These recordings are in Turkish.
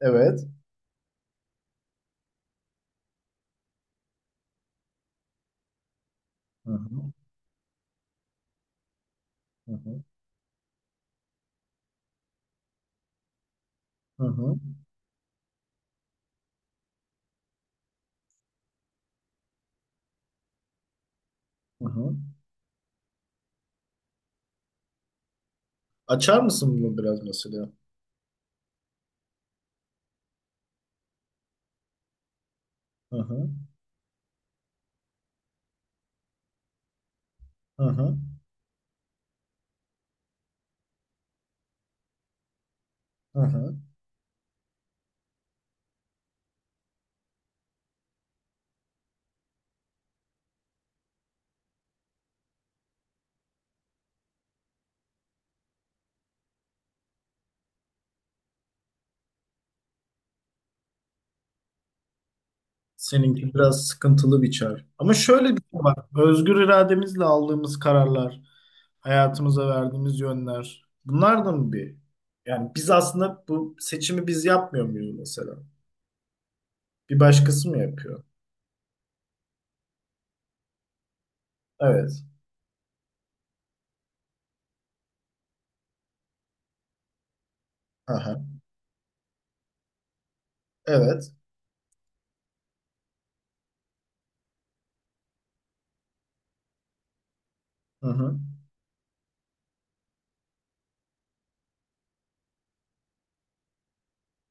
Evet. Hı hı. Hı hı. Hı hı. Hı hı. Açar mısın bunu biraz mesela? Hı hı. Hı hı. Hı hı. Seninki biraz sıkıntılı bir çağ. Ama şöyle bir şey var. Özgür irademizle aldığımız kararlar, hayatımıza verdiğimiz yönler. Bunlar da mı bir? Yani biz aslında bu seçimi biz yapmıyor muyuz mesela? Bir başkası mı yapıyor? Evet. Aha. Evet. Hı hı.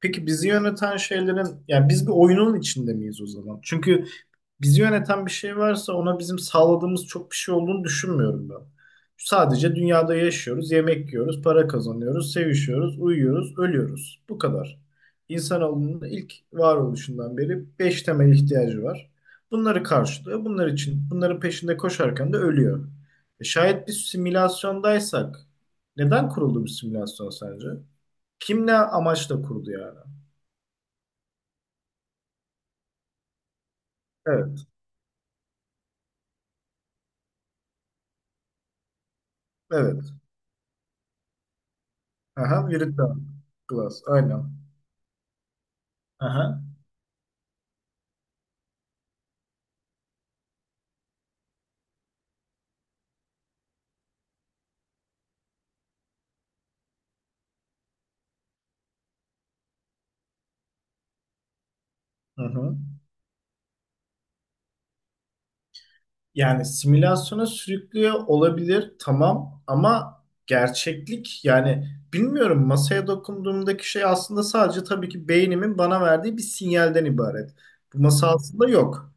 Peki bizi yöneten şeylerin, yani biz bir oyunun içinde miyiz o zaman? Çünkü bizi yöneten bir şey varsa ona bizim sağladığımız çok bir şey olduğunu düşünmüyorum ben. Sadece dünyada yaşıyoruz, yemek yiyoruz, para kazanıyoruz, sevişiyoruz, uyuyoruz, ölüyoruz. Bu kadar. İnsanoğlunun ilk varoluşundan beri beş temel ihtiyacı var. Bunları karşılıyor. Bunlar için, bunların peşinde koşarken de ölüyor. E şayet biz simülasyondaysak, neden kuruldu bu simülasyon sence? Kim ne amaçla kurdu yani? Evet, evet. Aha, Viridian Glass, aynen. Aha. Hı hı. Yani simülasyona sürüklüyor olabilir tamam ama gerçeklik yani bilmiyorum masaya dokunduğumdaki şey aslında sadece tabii ki beynimin bana verdiği bir sinyalden ibaret. Bu masa aslında yok.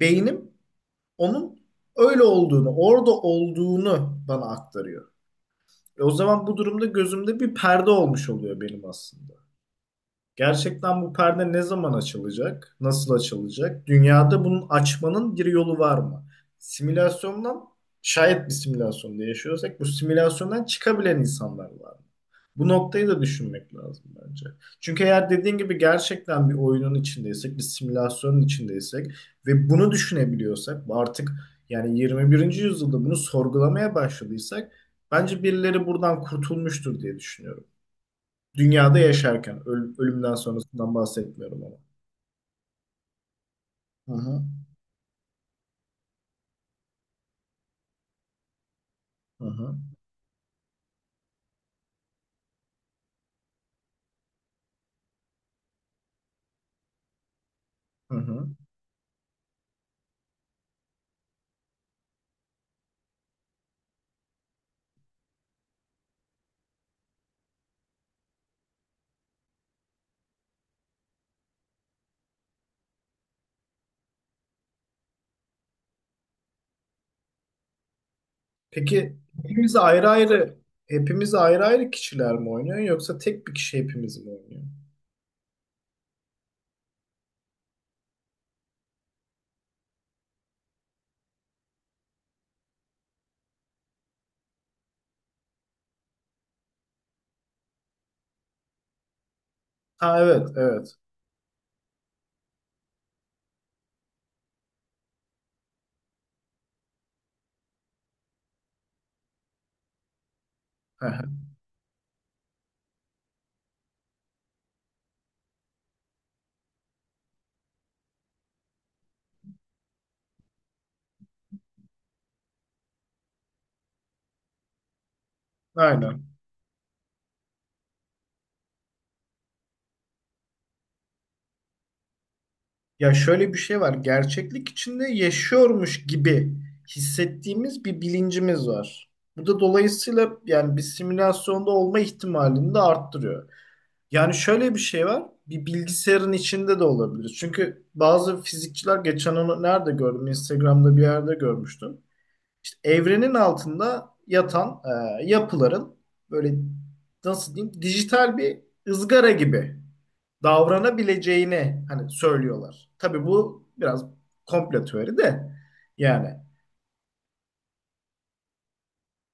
Beynim onun öyle olduğunu, orada olduğunu bana aktarıyor. E o zaman bu durumda gözümde bir perde olmuş oluyor benim aslında. Gerçekten bu perde ne zaman açılacak? Nasıl açılacak? Dünyada bunun açmanın bir yolu var mı? Simülasyondan şayet bir simülasyonda yaşıyorsak bu simülasyondan çıkabilen insanlar var mı? Bu noktayı da düşünmek lazım bence. Çünkü eğer dediğin gibi gerçekten bir oyunun içindeysek, bir simülasyonun içindeysek ve bunu düşünebiliyorsak, artık yani 21. yüzyılda bunu sorgulamaya başladıysak bence birileri buradan kurtulmuştur diye düşünüyorum. Dünyada yaşarken, ölümden sonrasından bahsetmiyorum ama. Hı hı, hı hı, hı hı. Peki hepimiz ayrı ayrı, hepimiz ayrı ayrı kişiler mi oynuyor yoksa tek bir kişi hepimiz mi oynuyor? Ha evet, evet. Hı hı, aynen. Ya şöyle bir şey var. Gerçeklik içinde yaşıyormuş gibi hissettiğimiz bir bilincimiz var. Bu da dolayısıyla yani bir simülasyonda olma ihtimalini de arttırıyor. Yani şöyle bir şey var. Bir bilgisayarın içinde de olabilir. Çünkü bazı fizikçiler geçen onu nerede gördüm? Instagram'da bir yerde görmüştüm. İşte evrenin altında yatan yapıların böyle nasıl diyeyim dijital bir ızgara gibi davranabileceğini hani söylüyorlar. Tabii bu biraz komplo teori de yani.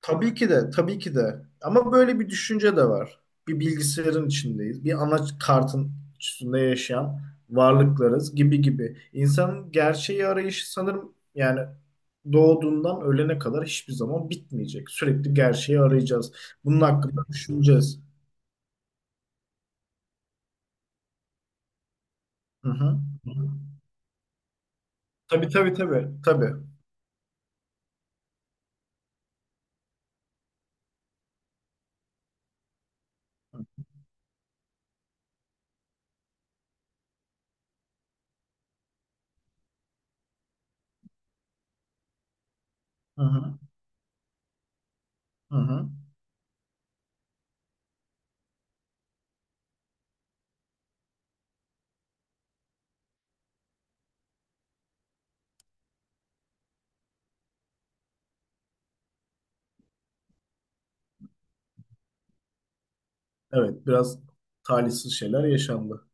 Tabii ki de, tabii ki de. Ama böyle bir düşünce de var. Bir bilgisayarın içindeyiz. Bir ana kartın üstünde yaşayan varlıklarız gibi gibi. İnsanın gerçeği arayışı sanırım yani doğduğundan ölene kadar hiçbir zaman bitmeyecek. Sürekli gerçeği arayacağız. Bunun hakkında düşüneceğiz. Hı hı. Tabii tabii tabii. Tabii. Hı hı. Hı hı. Evet, biraz talihsiz şeyler yaşandı.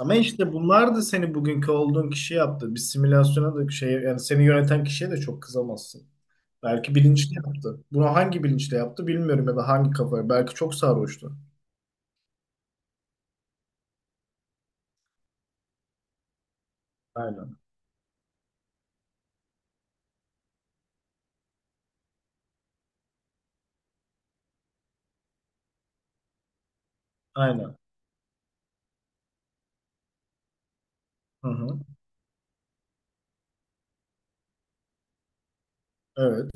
Ama işte bunlar da seni bugünkü olduğun kişi yaptı. Bir simülasyona da şey yani seni yöneten kişiye de çok kızamazsın. Belki bilinçli yaptı. Bunu hangi bilinçle yaptı bilmiyorum ya da hangi kafaya. Belki çok sarhoştu. Aynen. Aynen. Hı hı. Evet.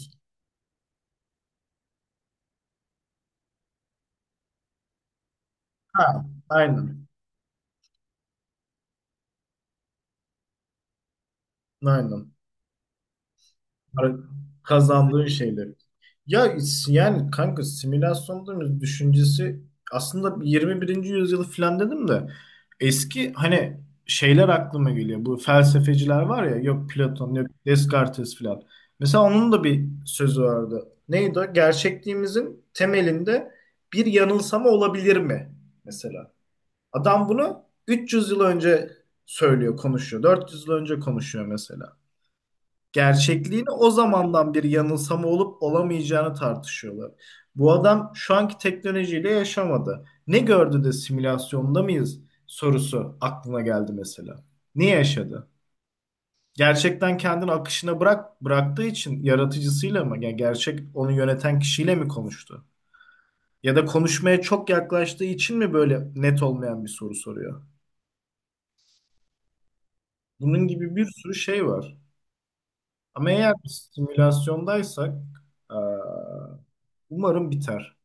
Ha, aynen. Aynen. Para- Kazandığın şeyleri. Ya yani kanka simülasyon değil düşüncesi aslında 21. yüzyılı falan dedim de eski hani şeyler aklıma geliyor. Bu felsefeciler var ya yok Platon yok Descartes falan. Mesela onun da bir sözü vardı. Neydi o? Gerçekliğimizin temelinde bir yanılsama olabilir mi? Mesela. Adam bunu 300 yıl önce söylüyor, konuşuyor. 400 yıl önce konuşuyor mesela gerçekliğini o zamandan bir yanılsama olup olamayacağını tartışıyorlar. Bu adam şu anki teknolojiyle yaşamadı. Ne gördü de simülasyonda mıyız sorusu aklına geldi mesela. Niye yaşadı? Gerçekten kendini akışına bıraktığı için yaratıcısıyla mı? Yani gerçek onu yöneten kişiyle mi konuştu? Ya da konuşmaya çok yaklaştığı için mi böyle net olmayan bir soru soruyor? Bunun gibi bir sürü şey var. Ama eğer biz simülasyondaysak eee, umarım biter.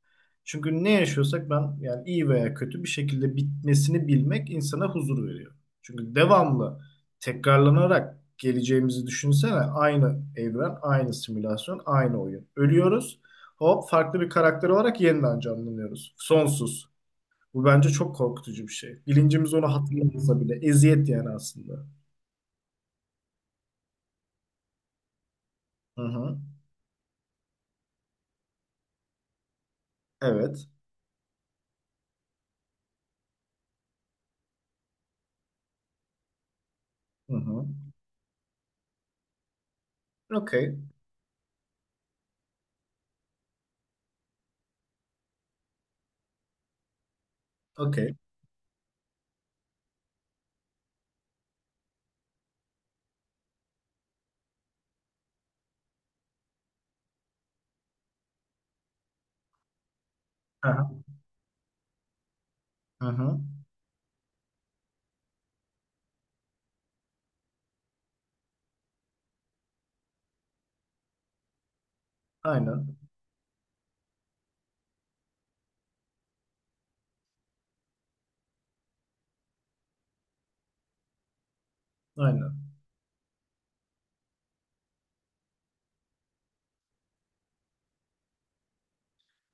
Çünkü ne yaşıyorsak ben yani iyi veya kötü bir şekilde bitmesini bilmek insana huzur veriyor. Çünkü devamlı tekrarlanarak geleceğimizi düşünsene aynı evren, aynı simülasyon, aynı oyun. Ölüyoruz. Hop farklı bir karakter olarak yeniden canlanıyoruz. Sonsuz. Bu bence çok korkutucu bir şey. Bilincimiz onu hatırlamasa bile eziyet yani aslında. Hı hı. Evet. Hı hı. Okey. Okey. Aha aha hı. Aynen. Aynen.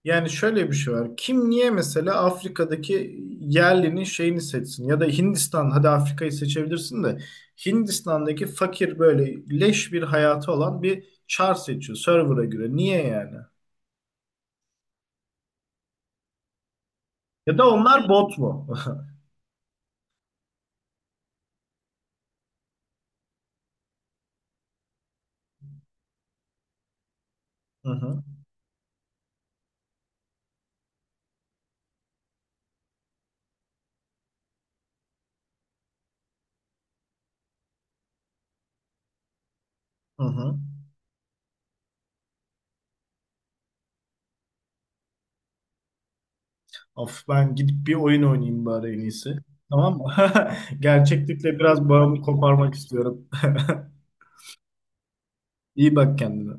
Yani şöyle bir şey var. Kim niye mesela Afrika'daki yerlinin şeyini seçsin? Ya da Hindistan, hadi Afrika'yı seçebilirsin de Hindistan'daki fakir böyle leş bir hayatı olan bir çar seçiyor server'a göre. Niye yani? Ya da onlar bot mu? Hı hı. Hı hı. Of ben gidip bir oyun oynayayım bari en iyisi. Tamam mı? Gerçeklikle biraz bağımı koparmak istiyorum. İyi bak kendine.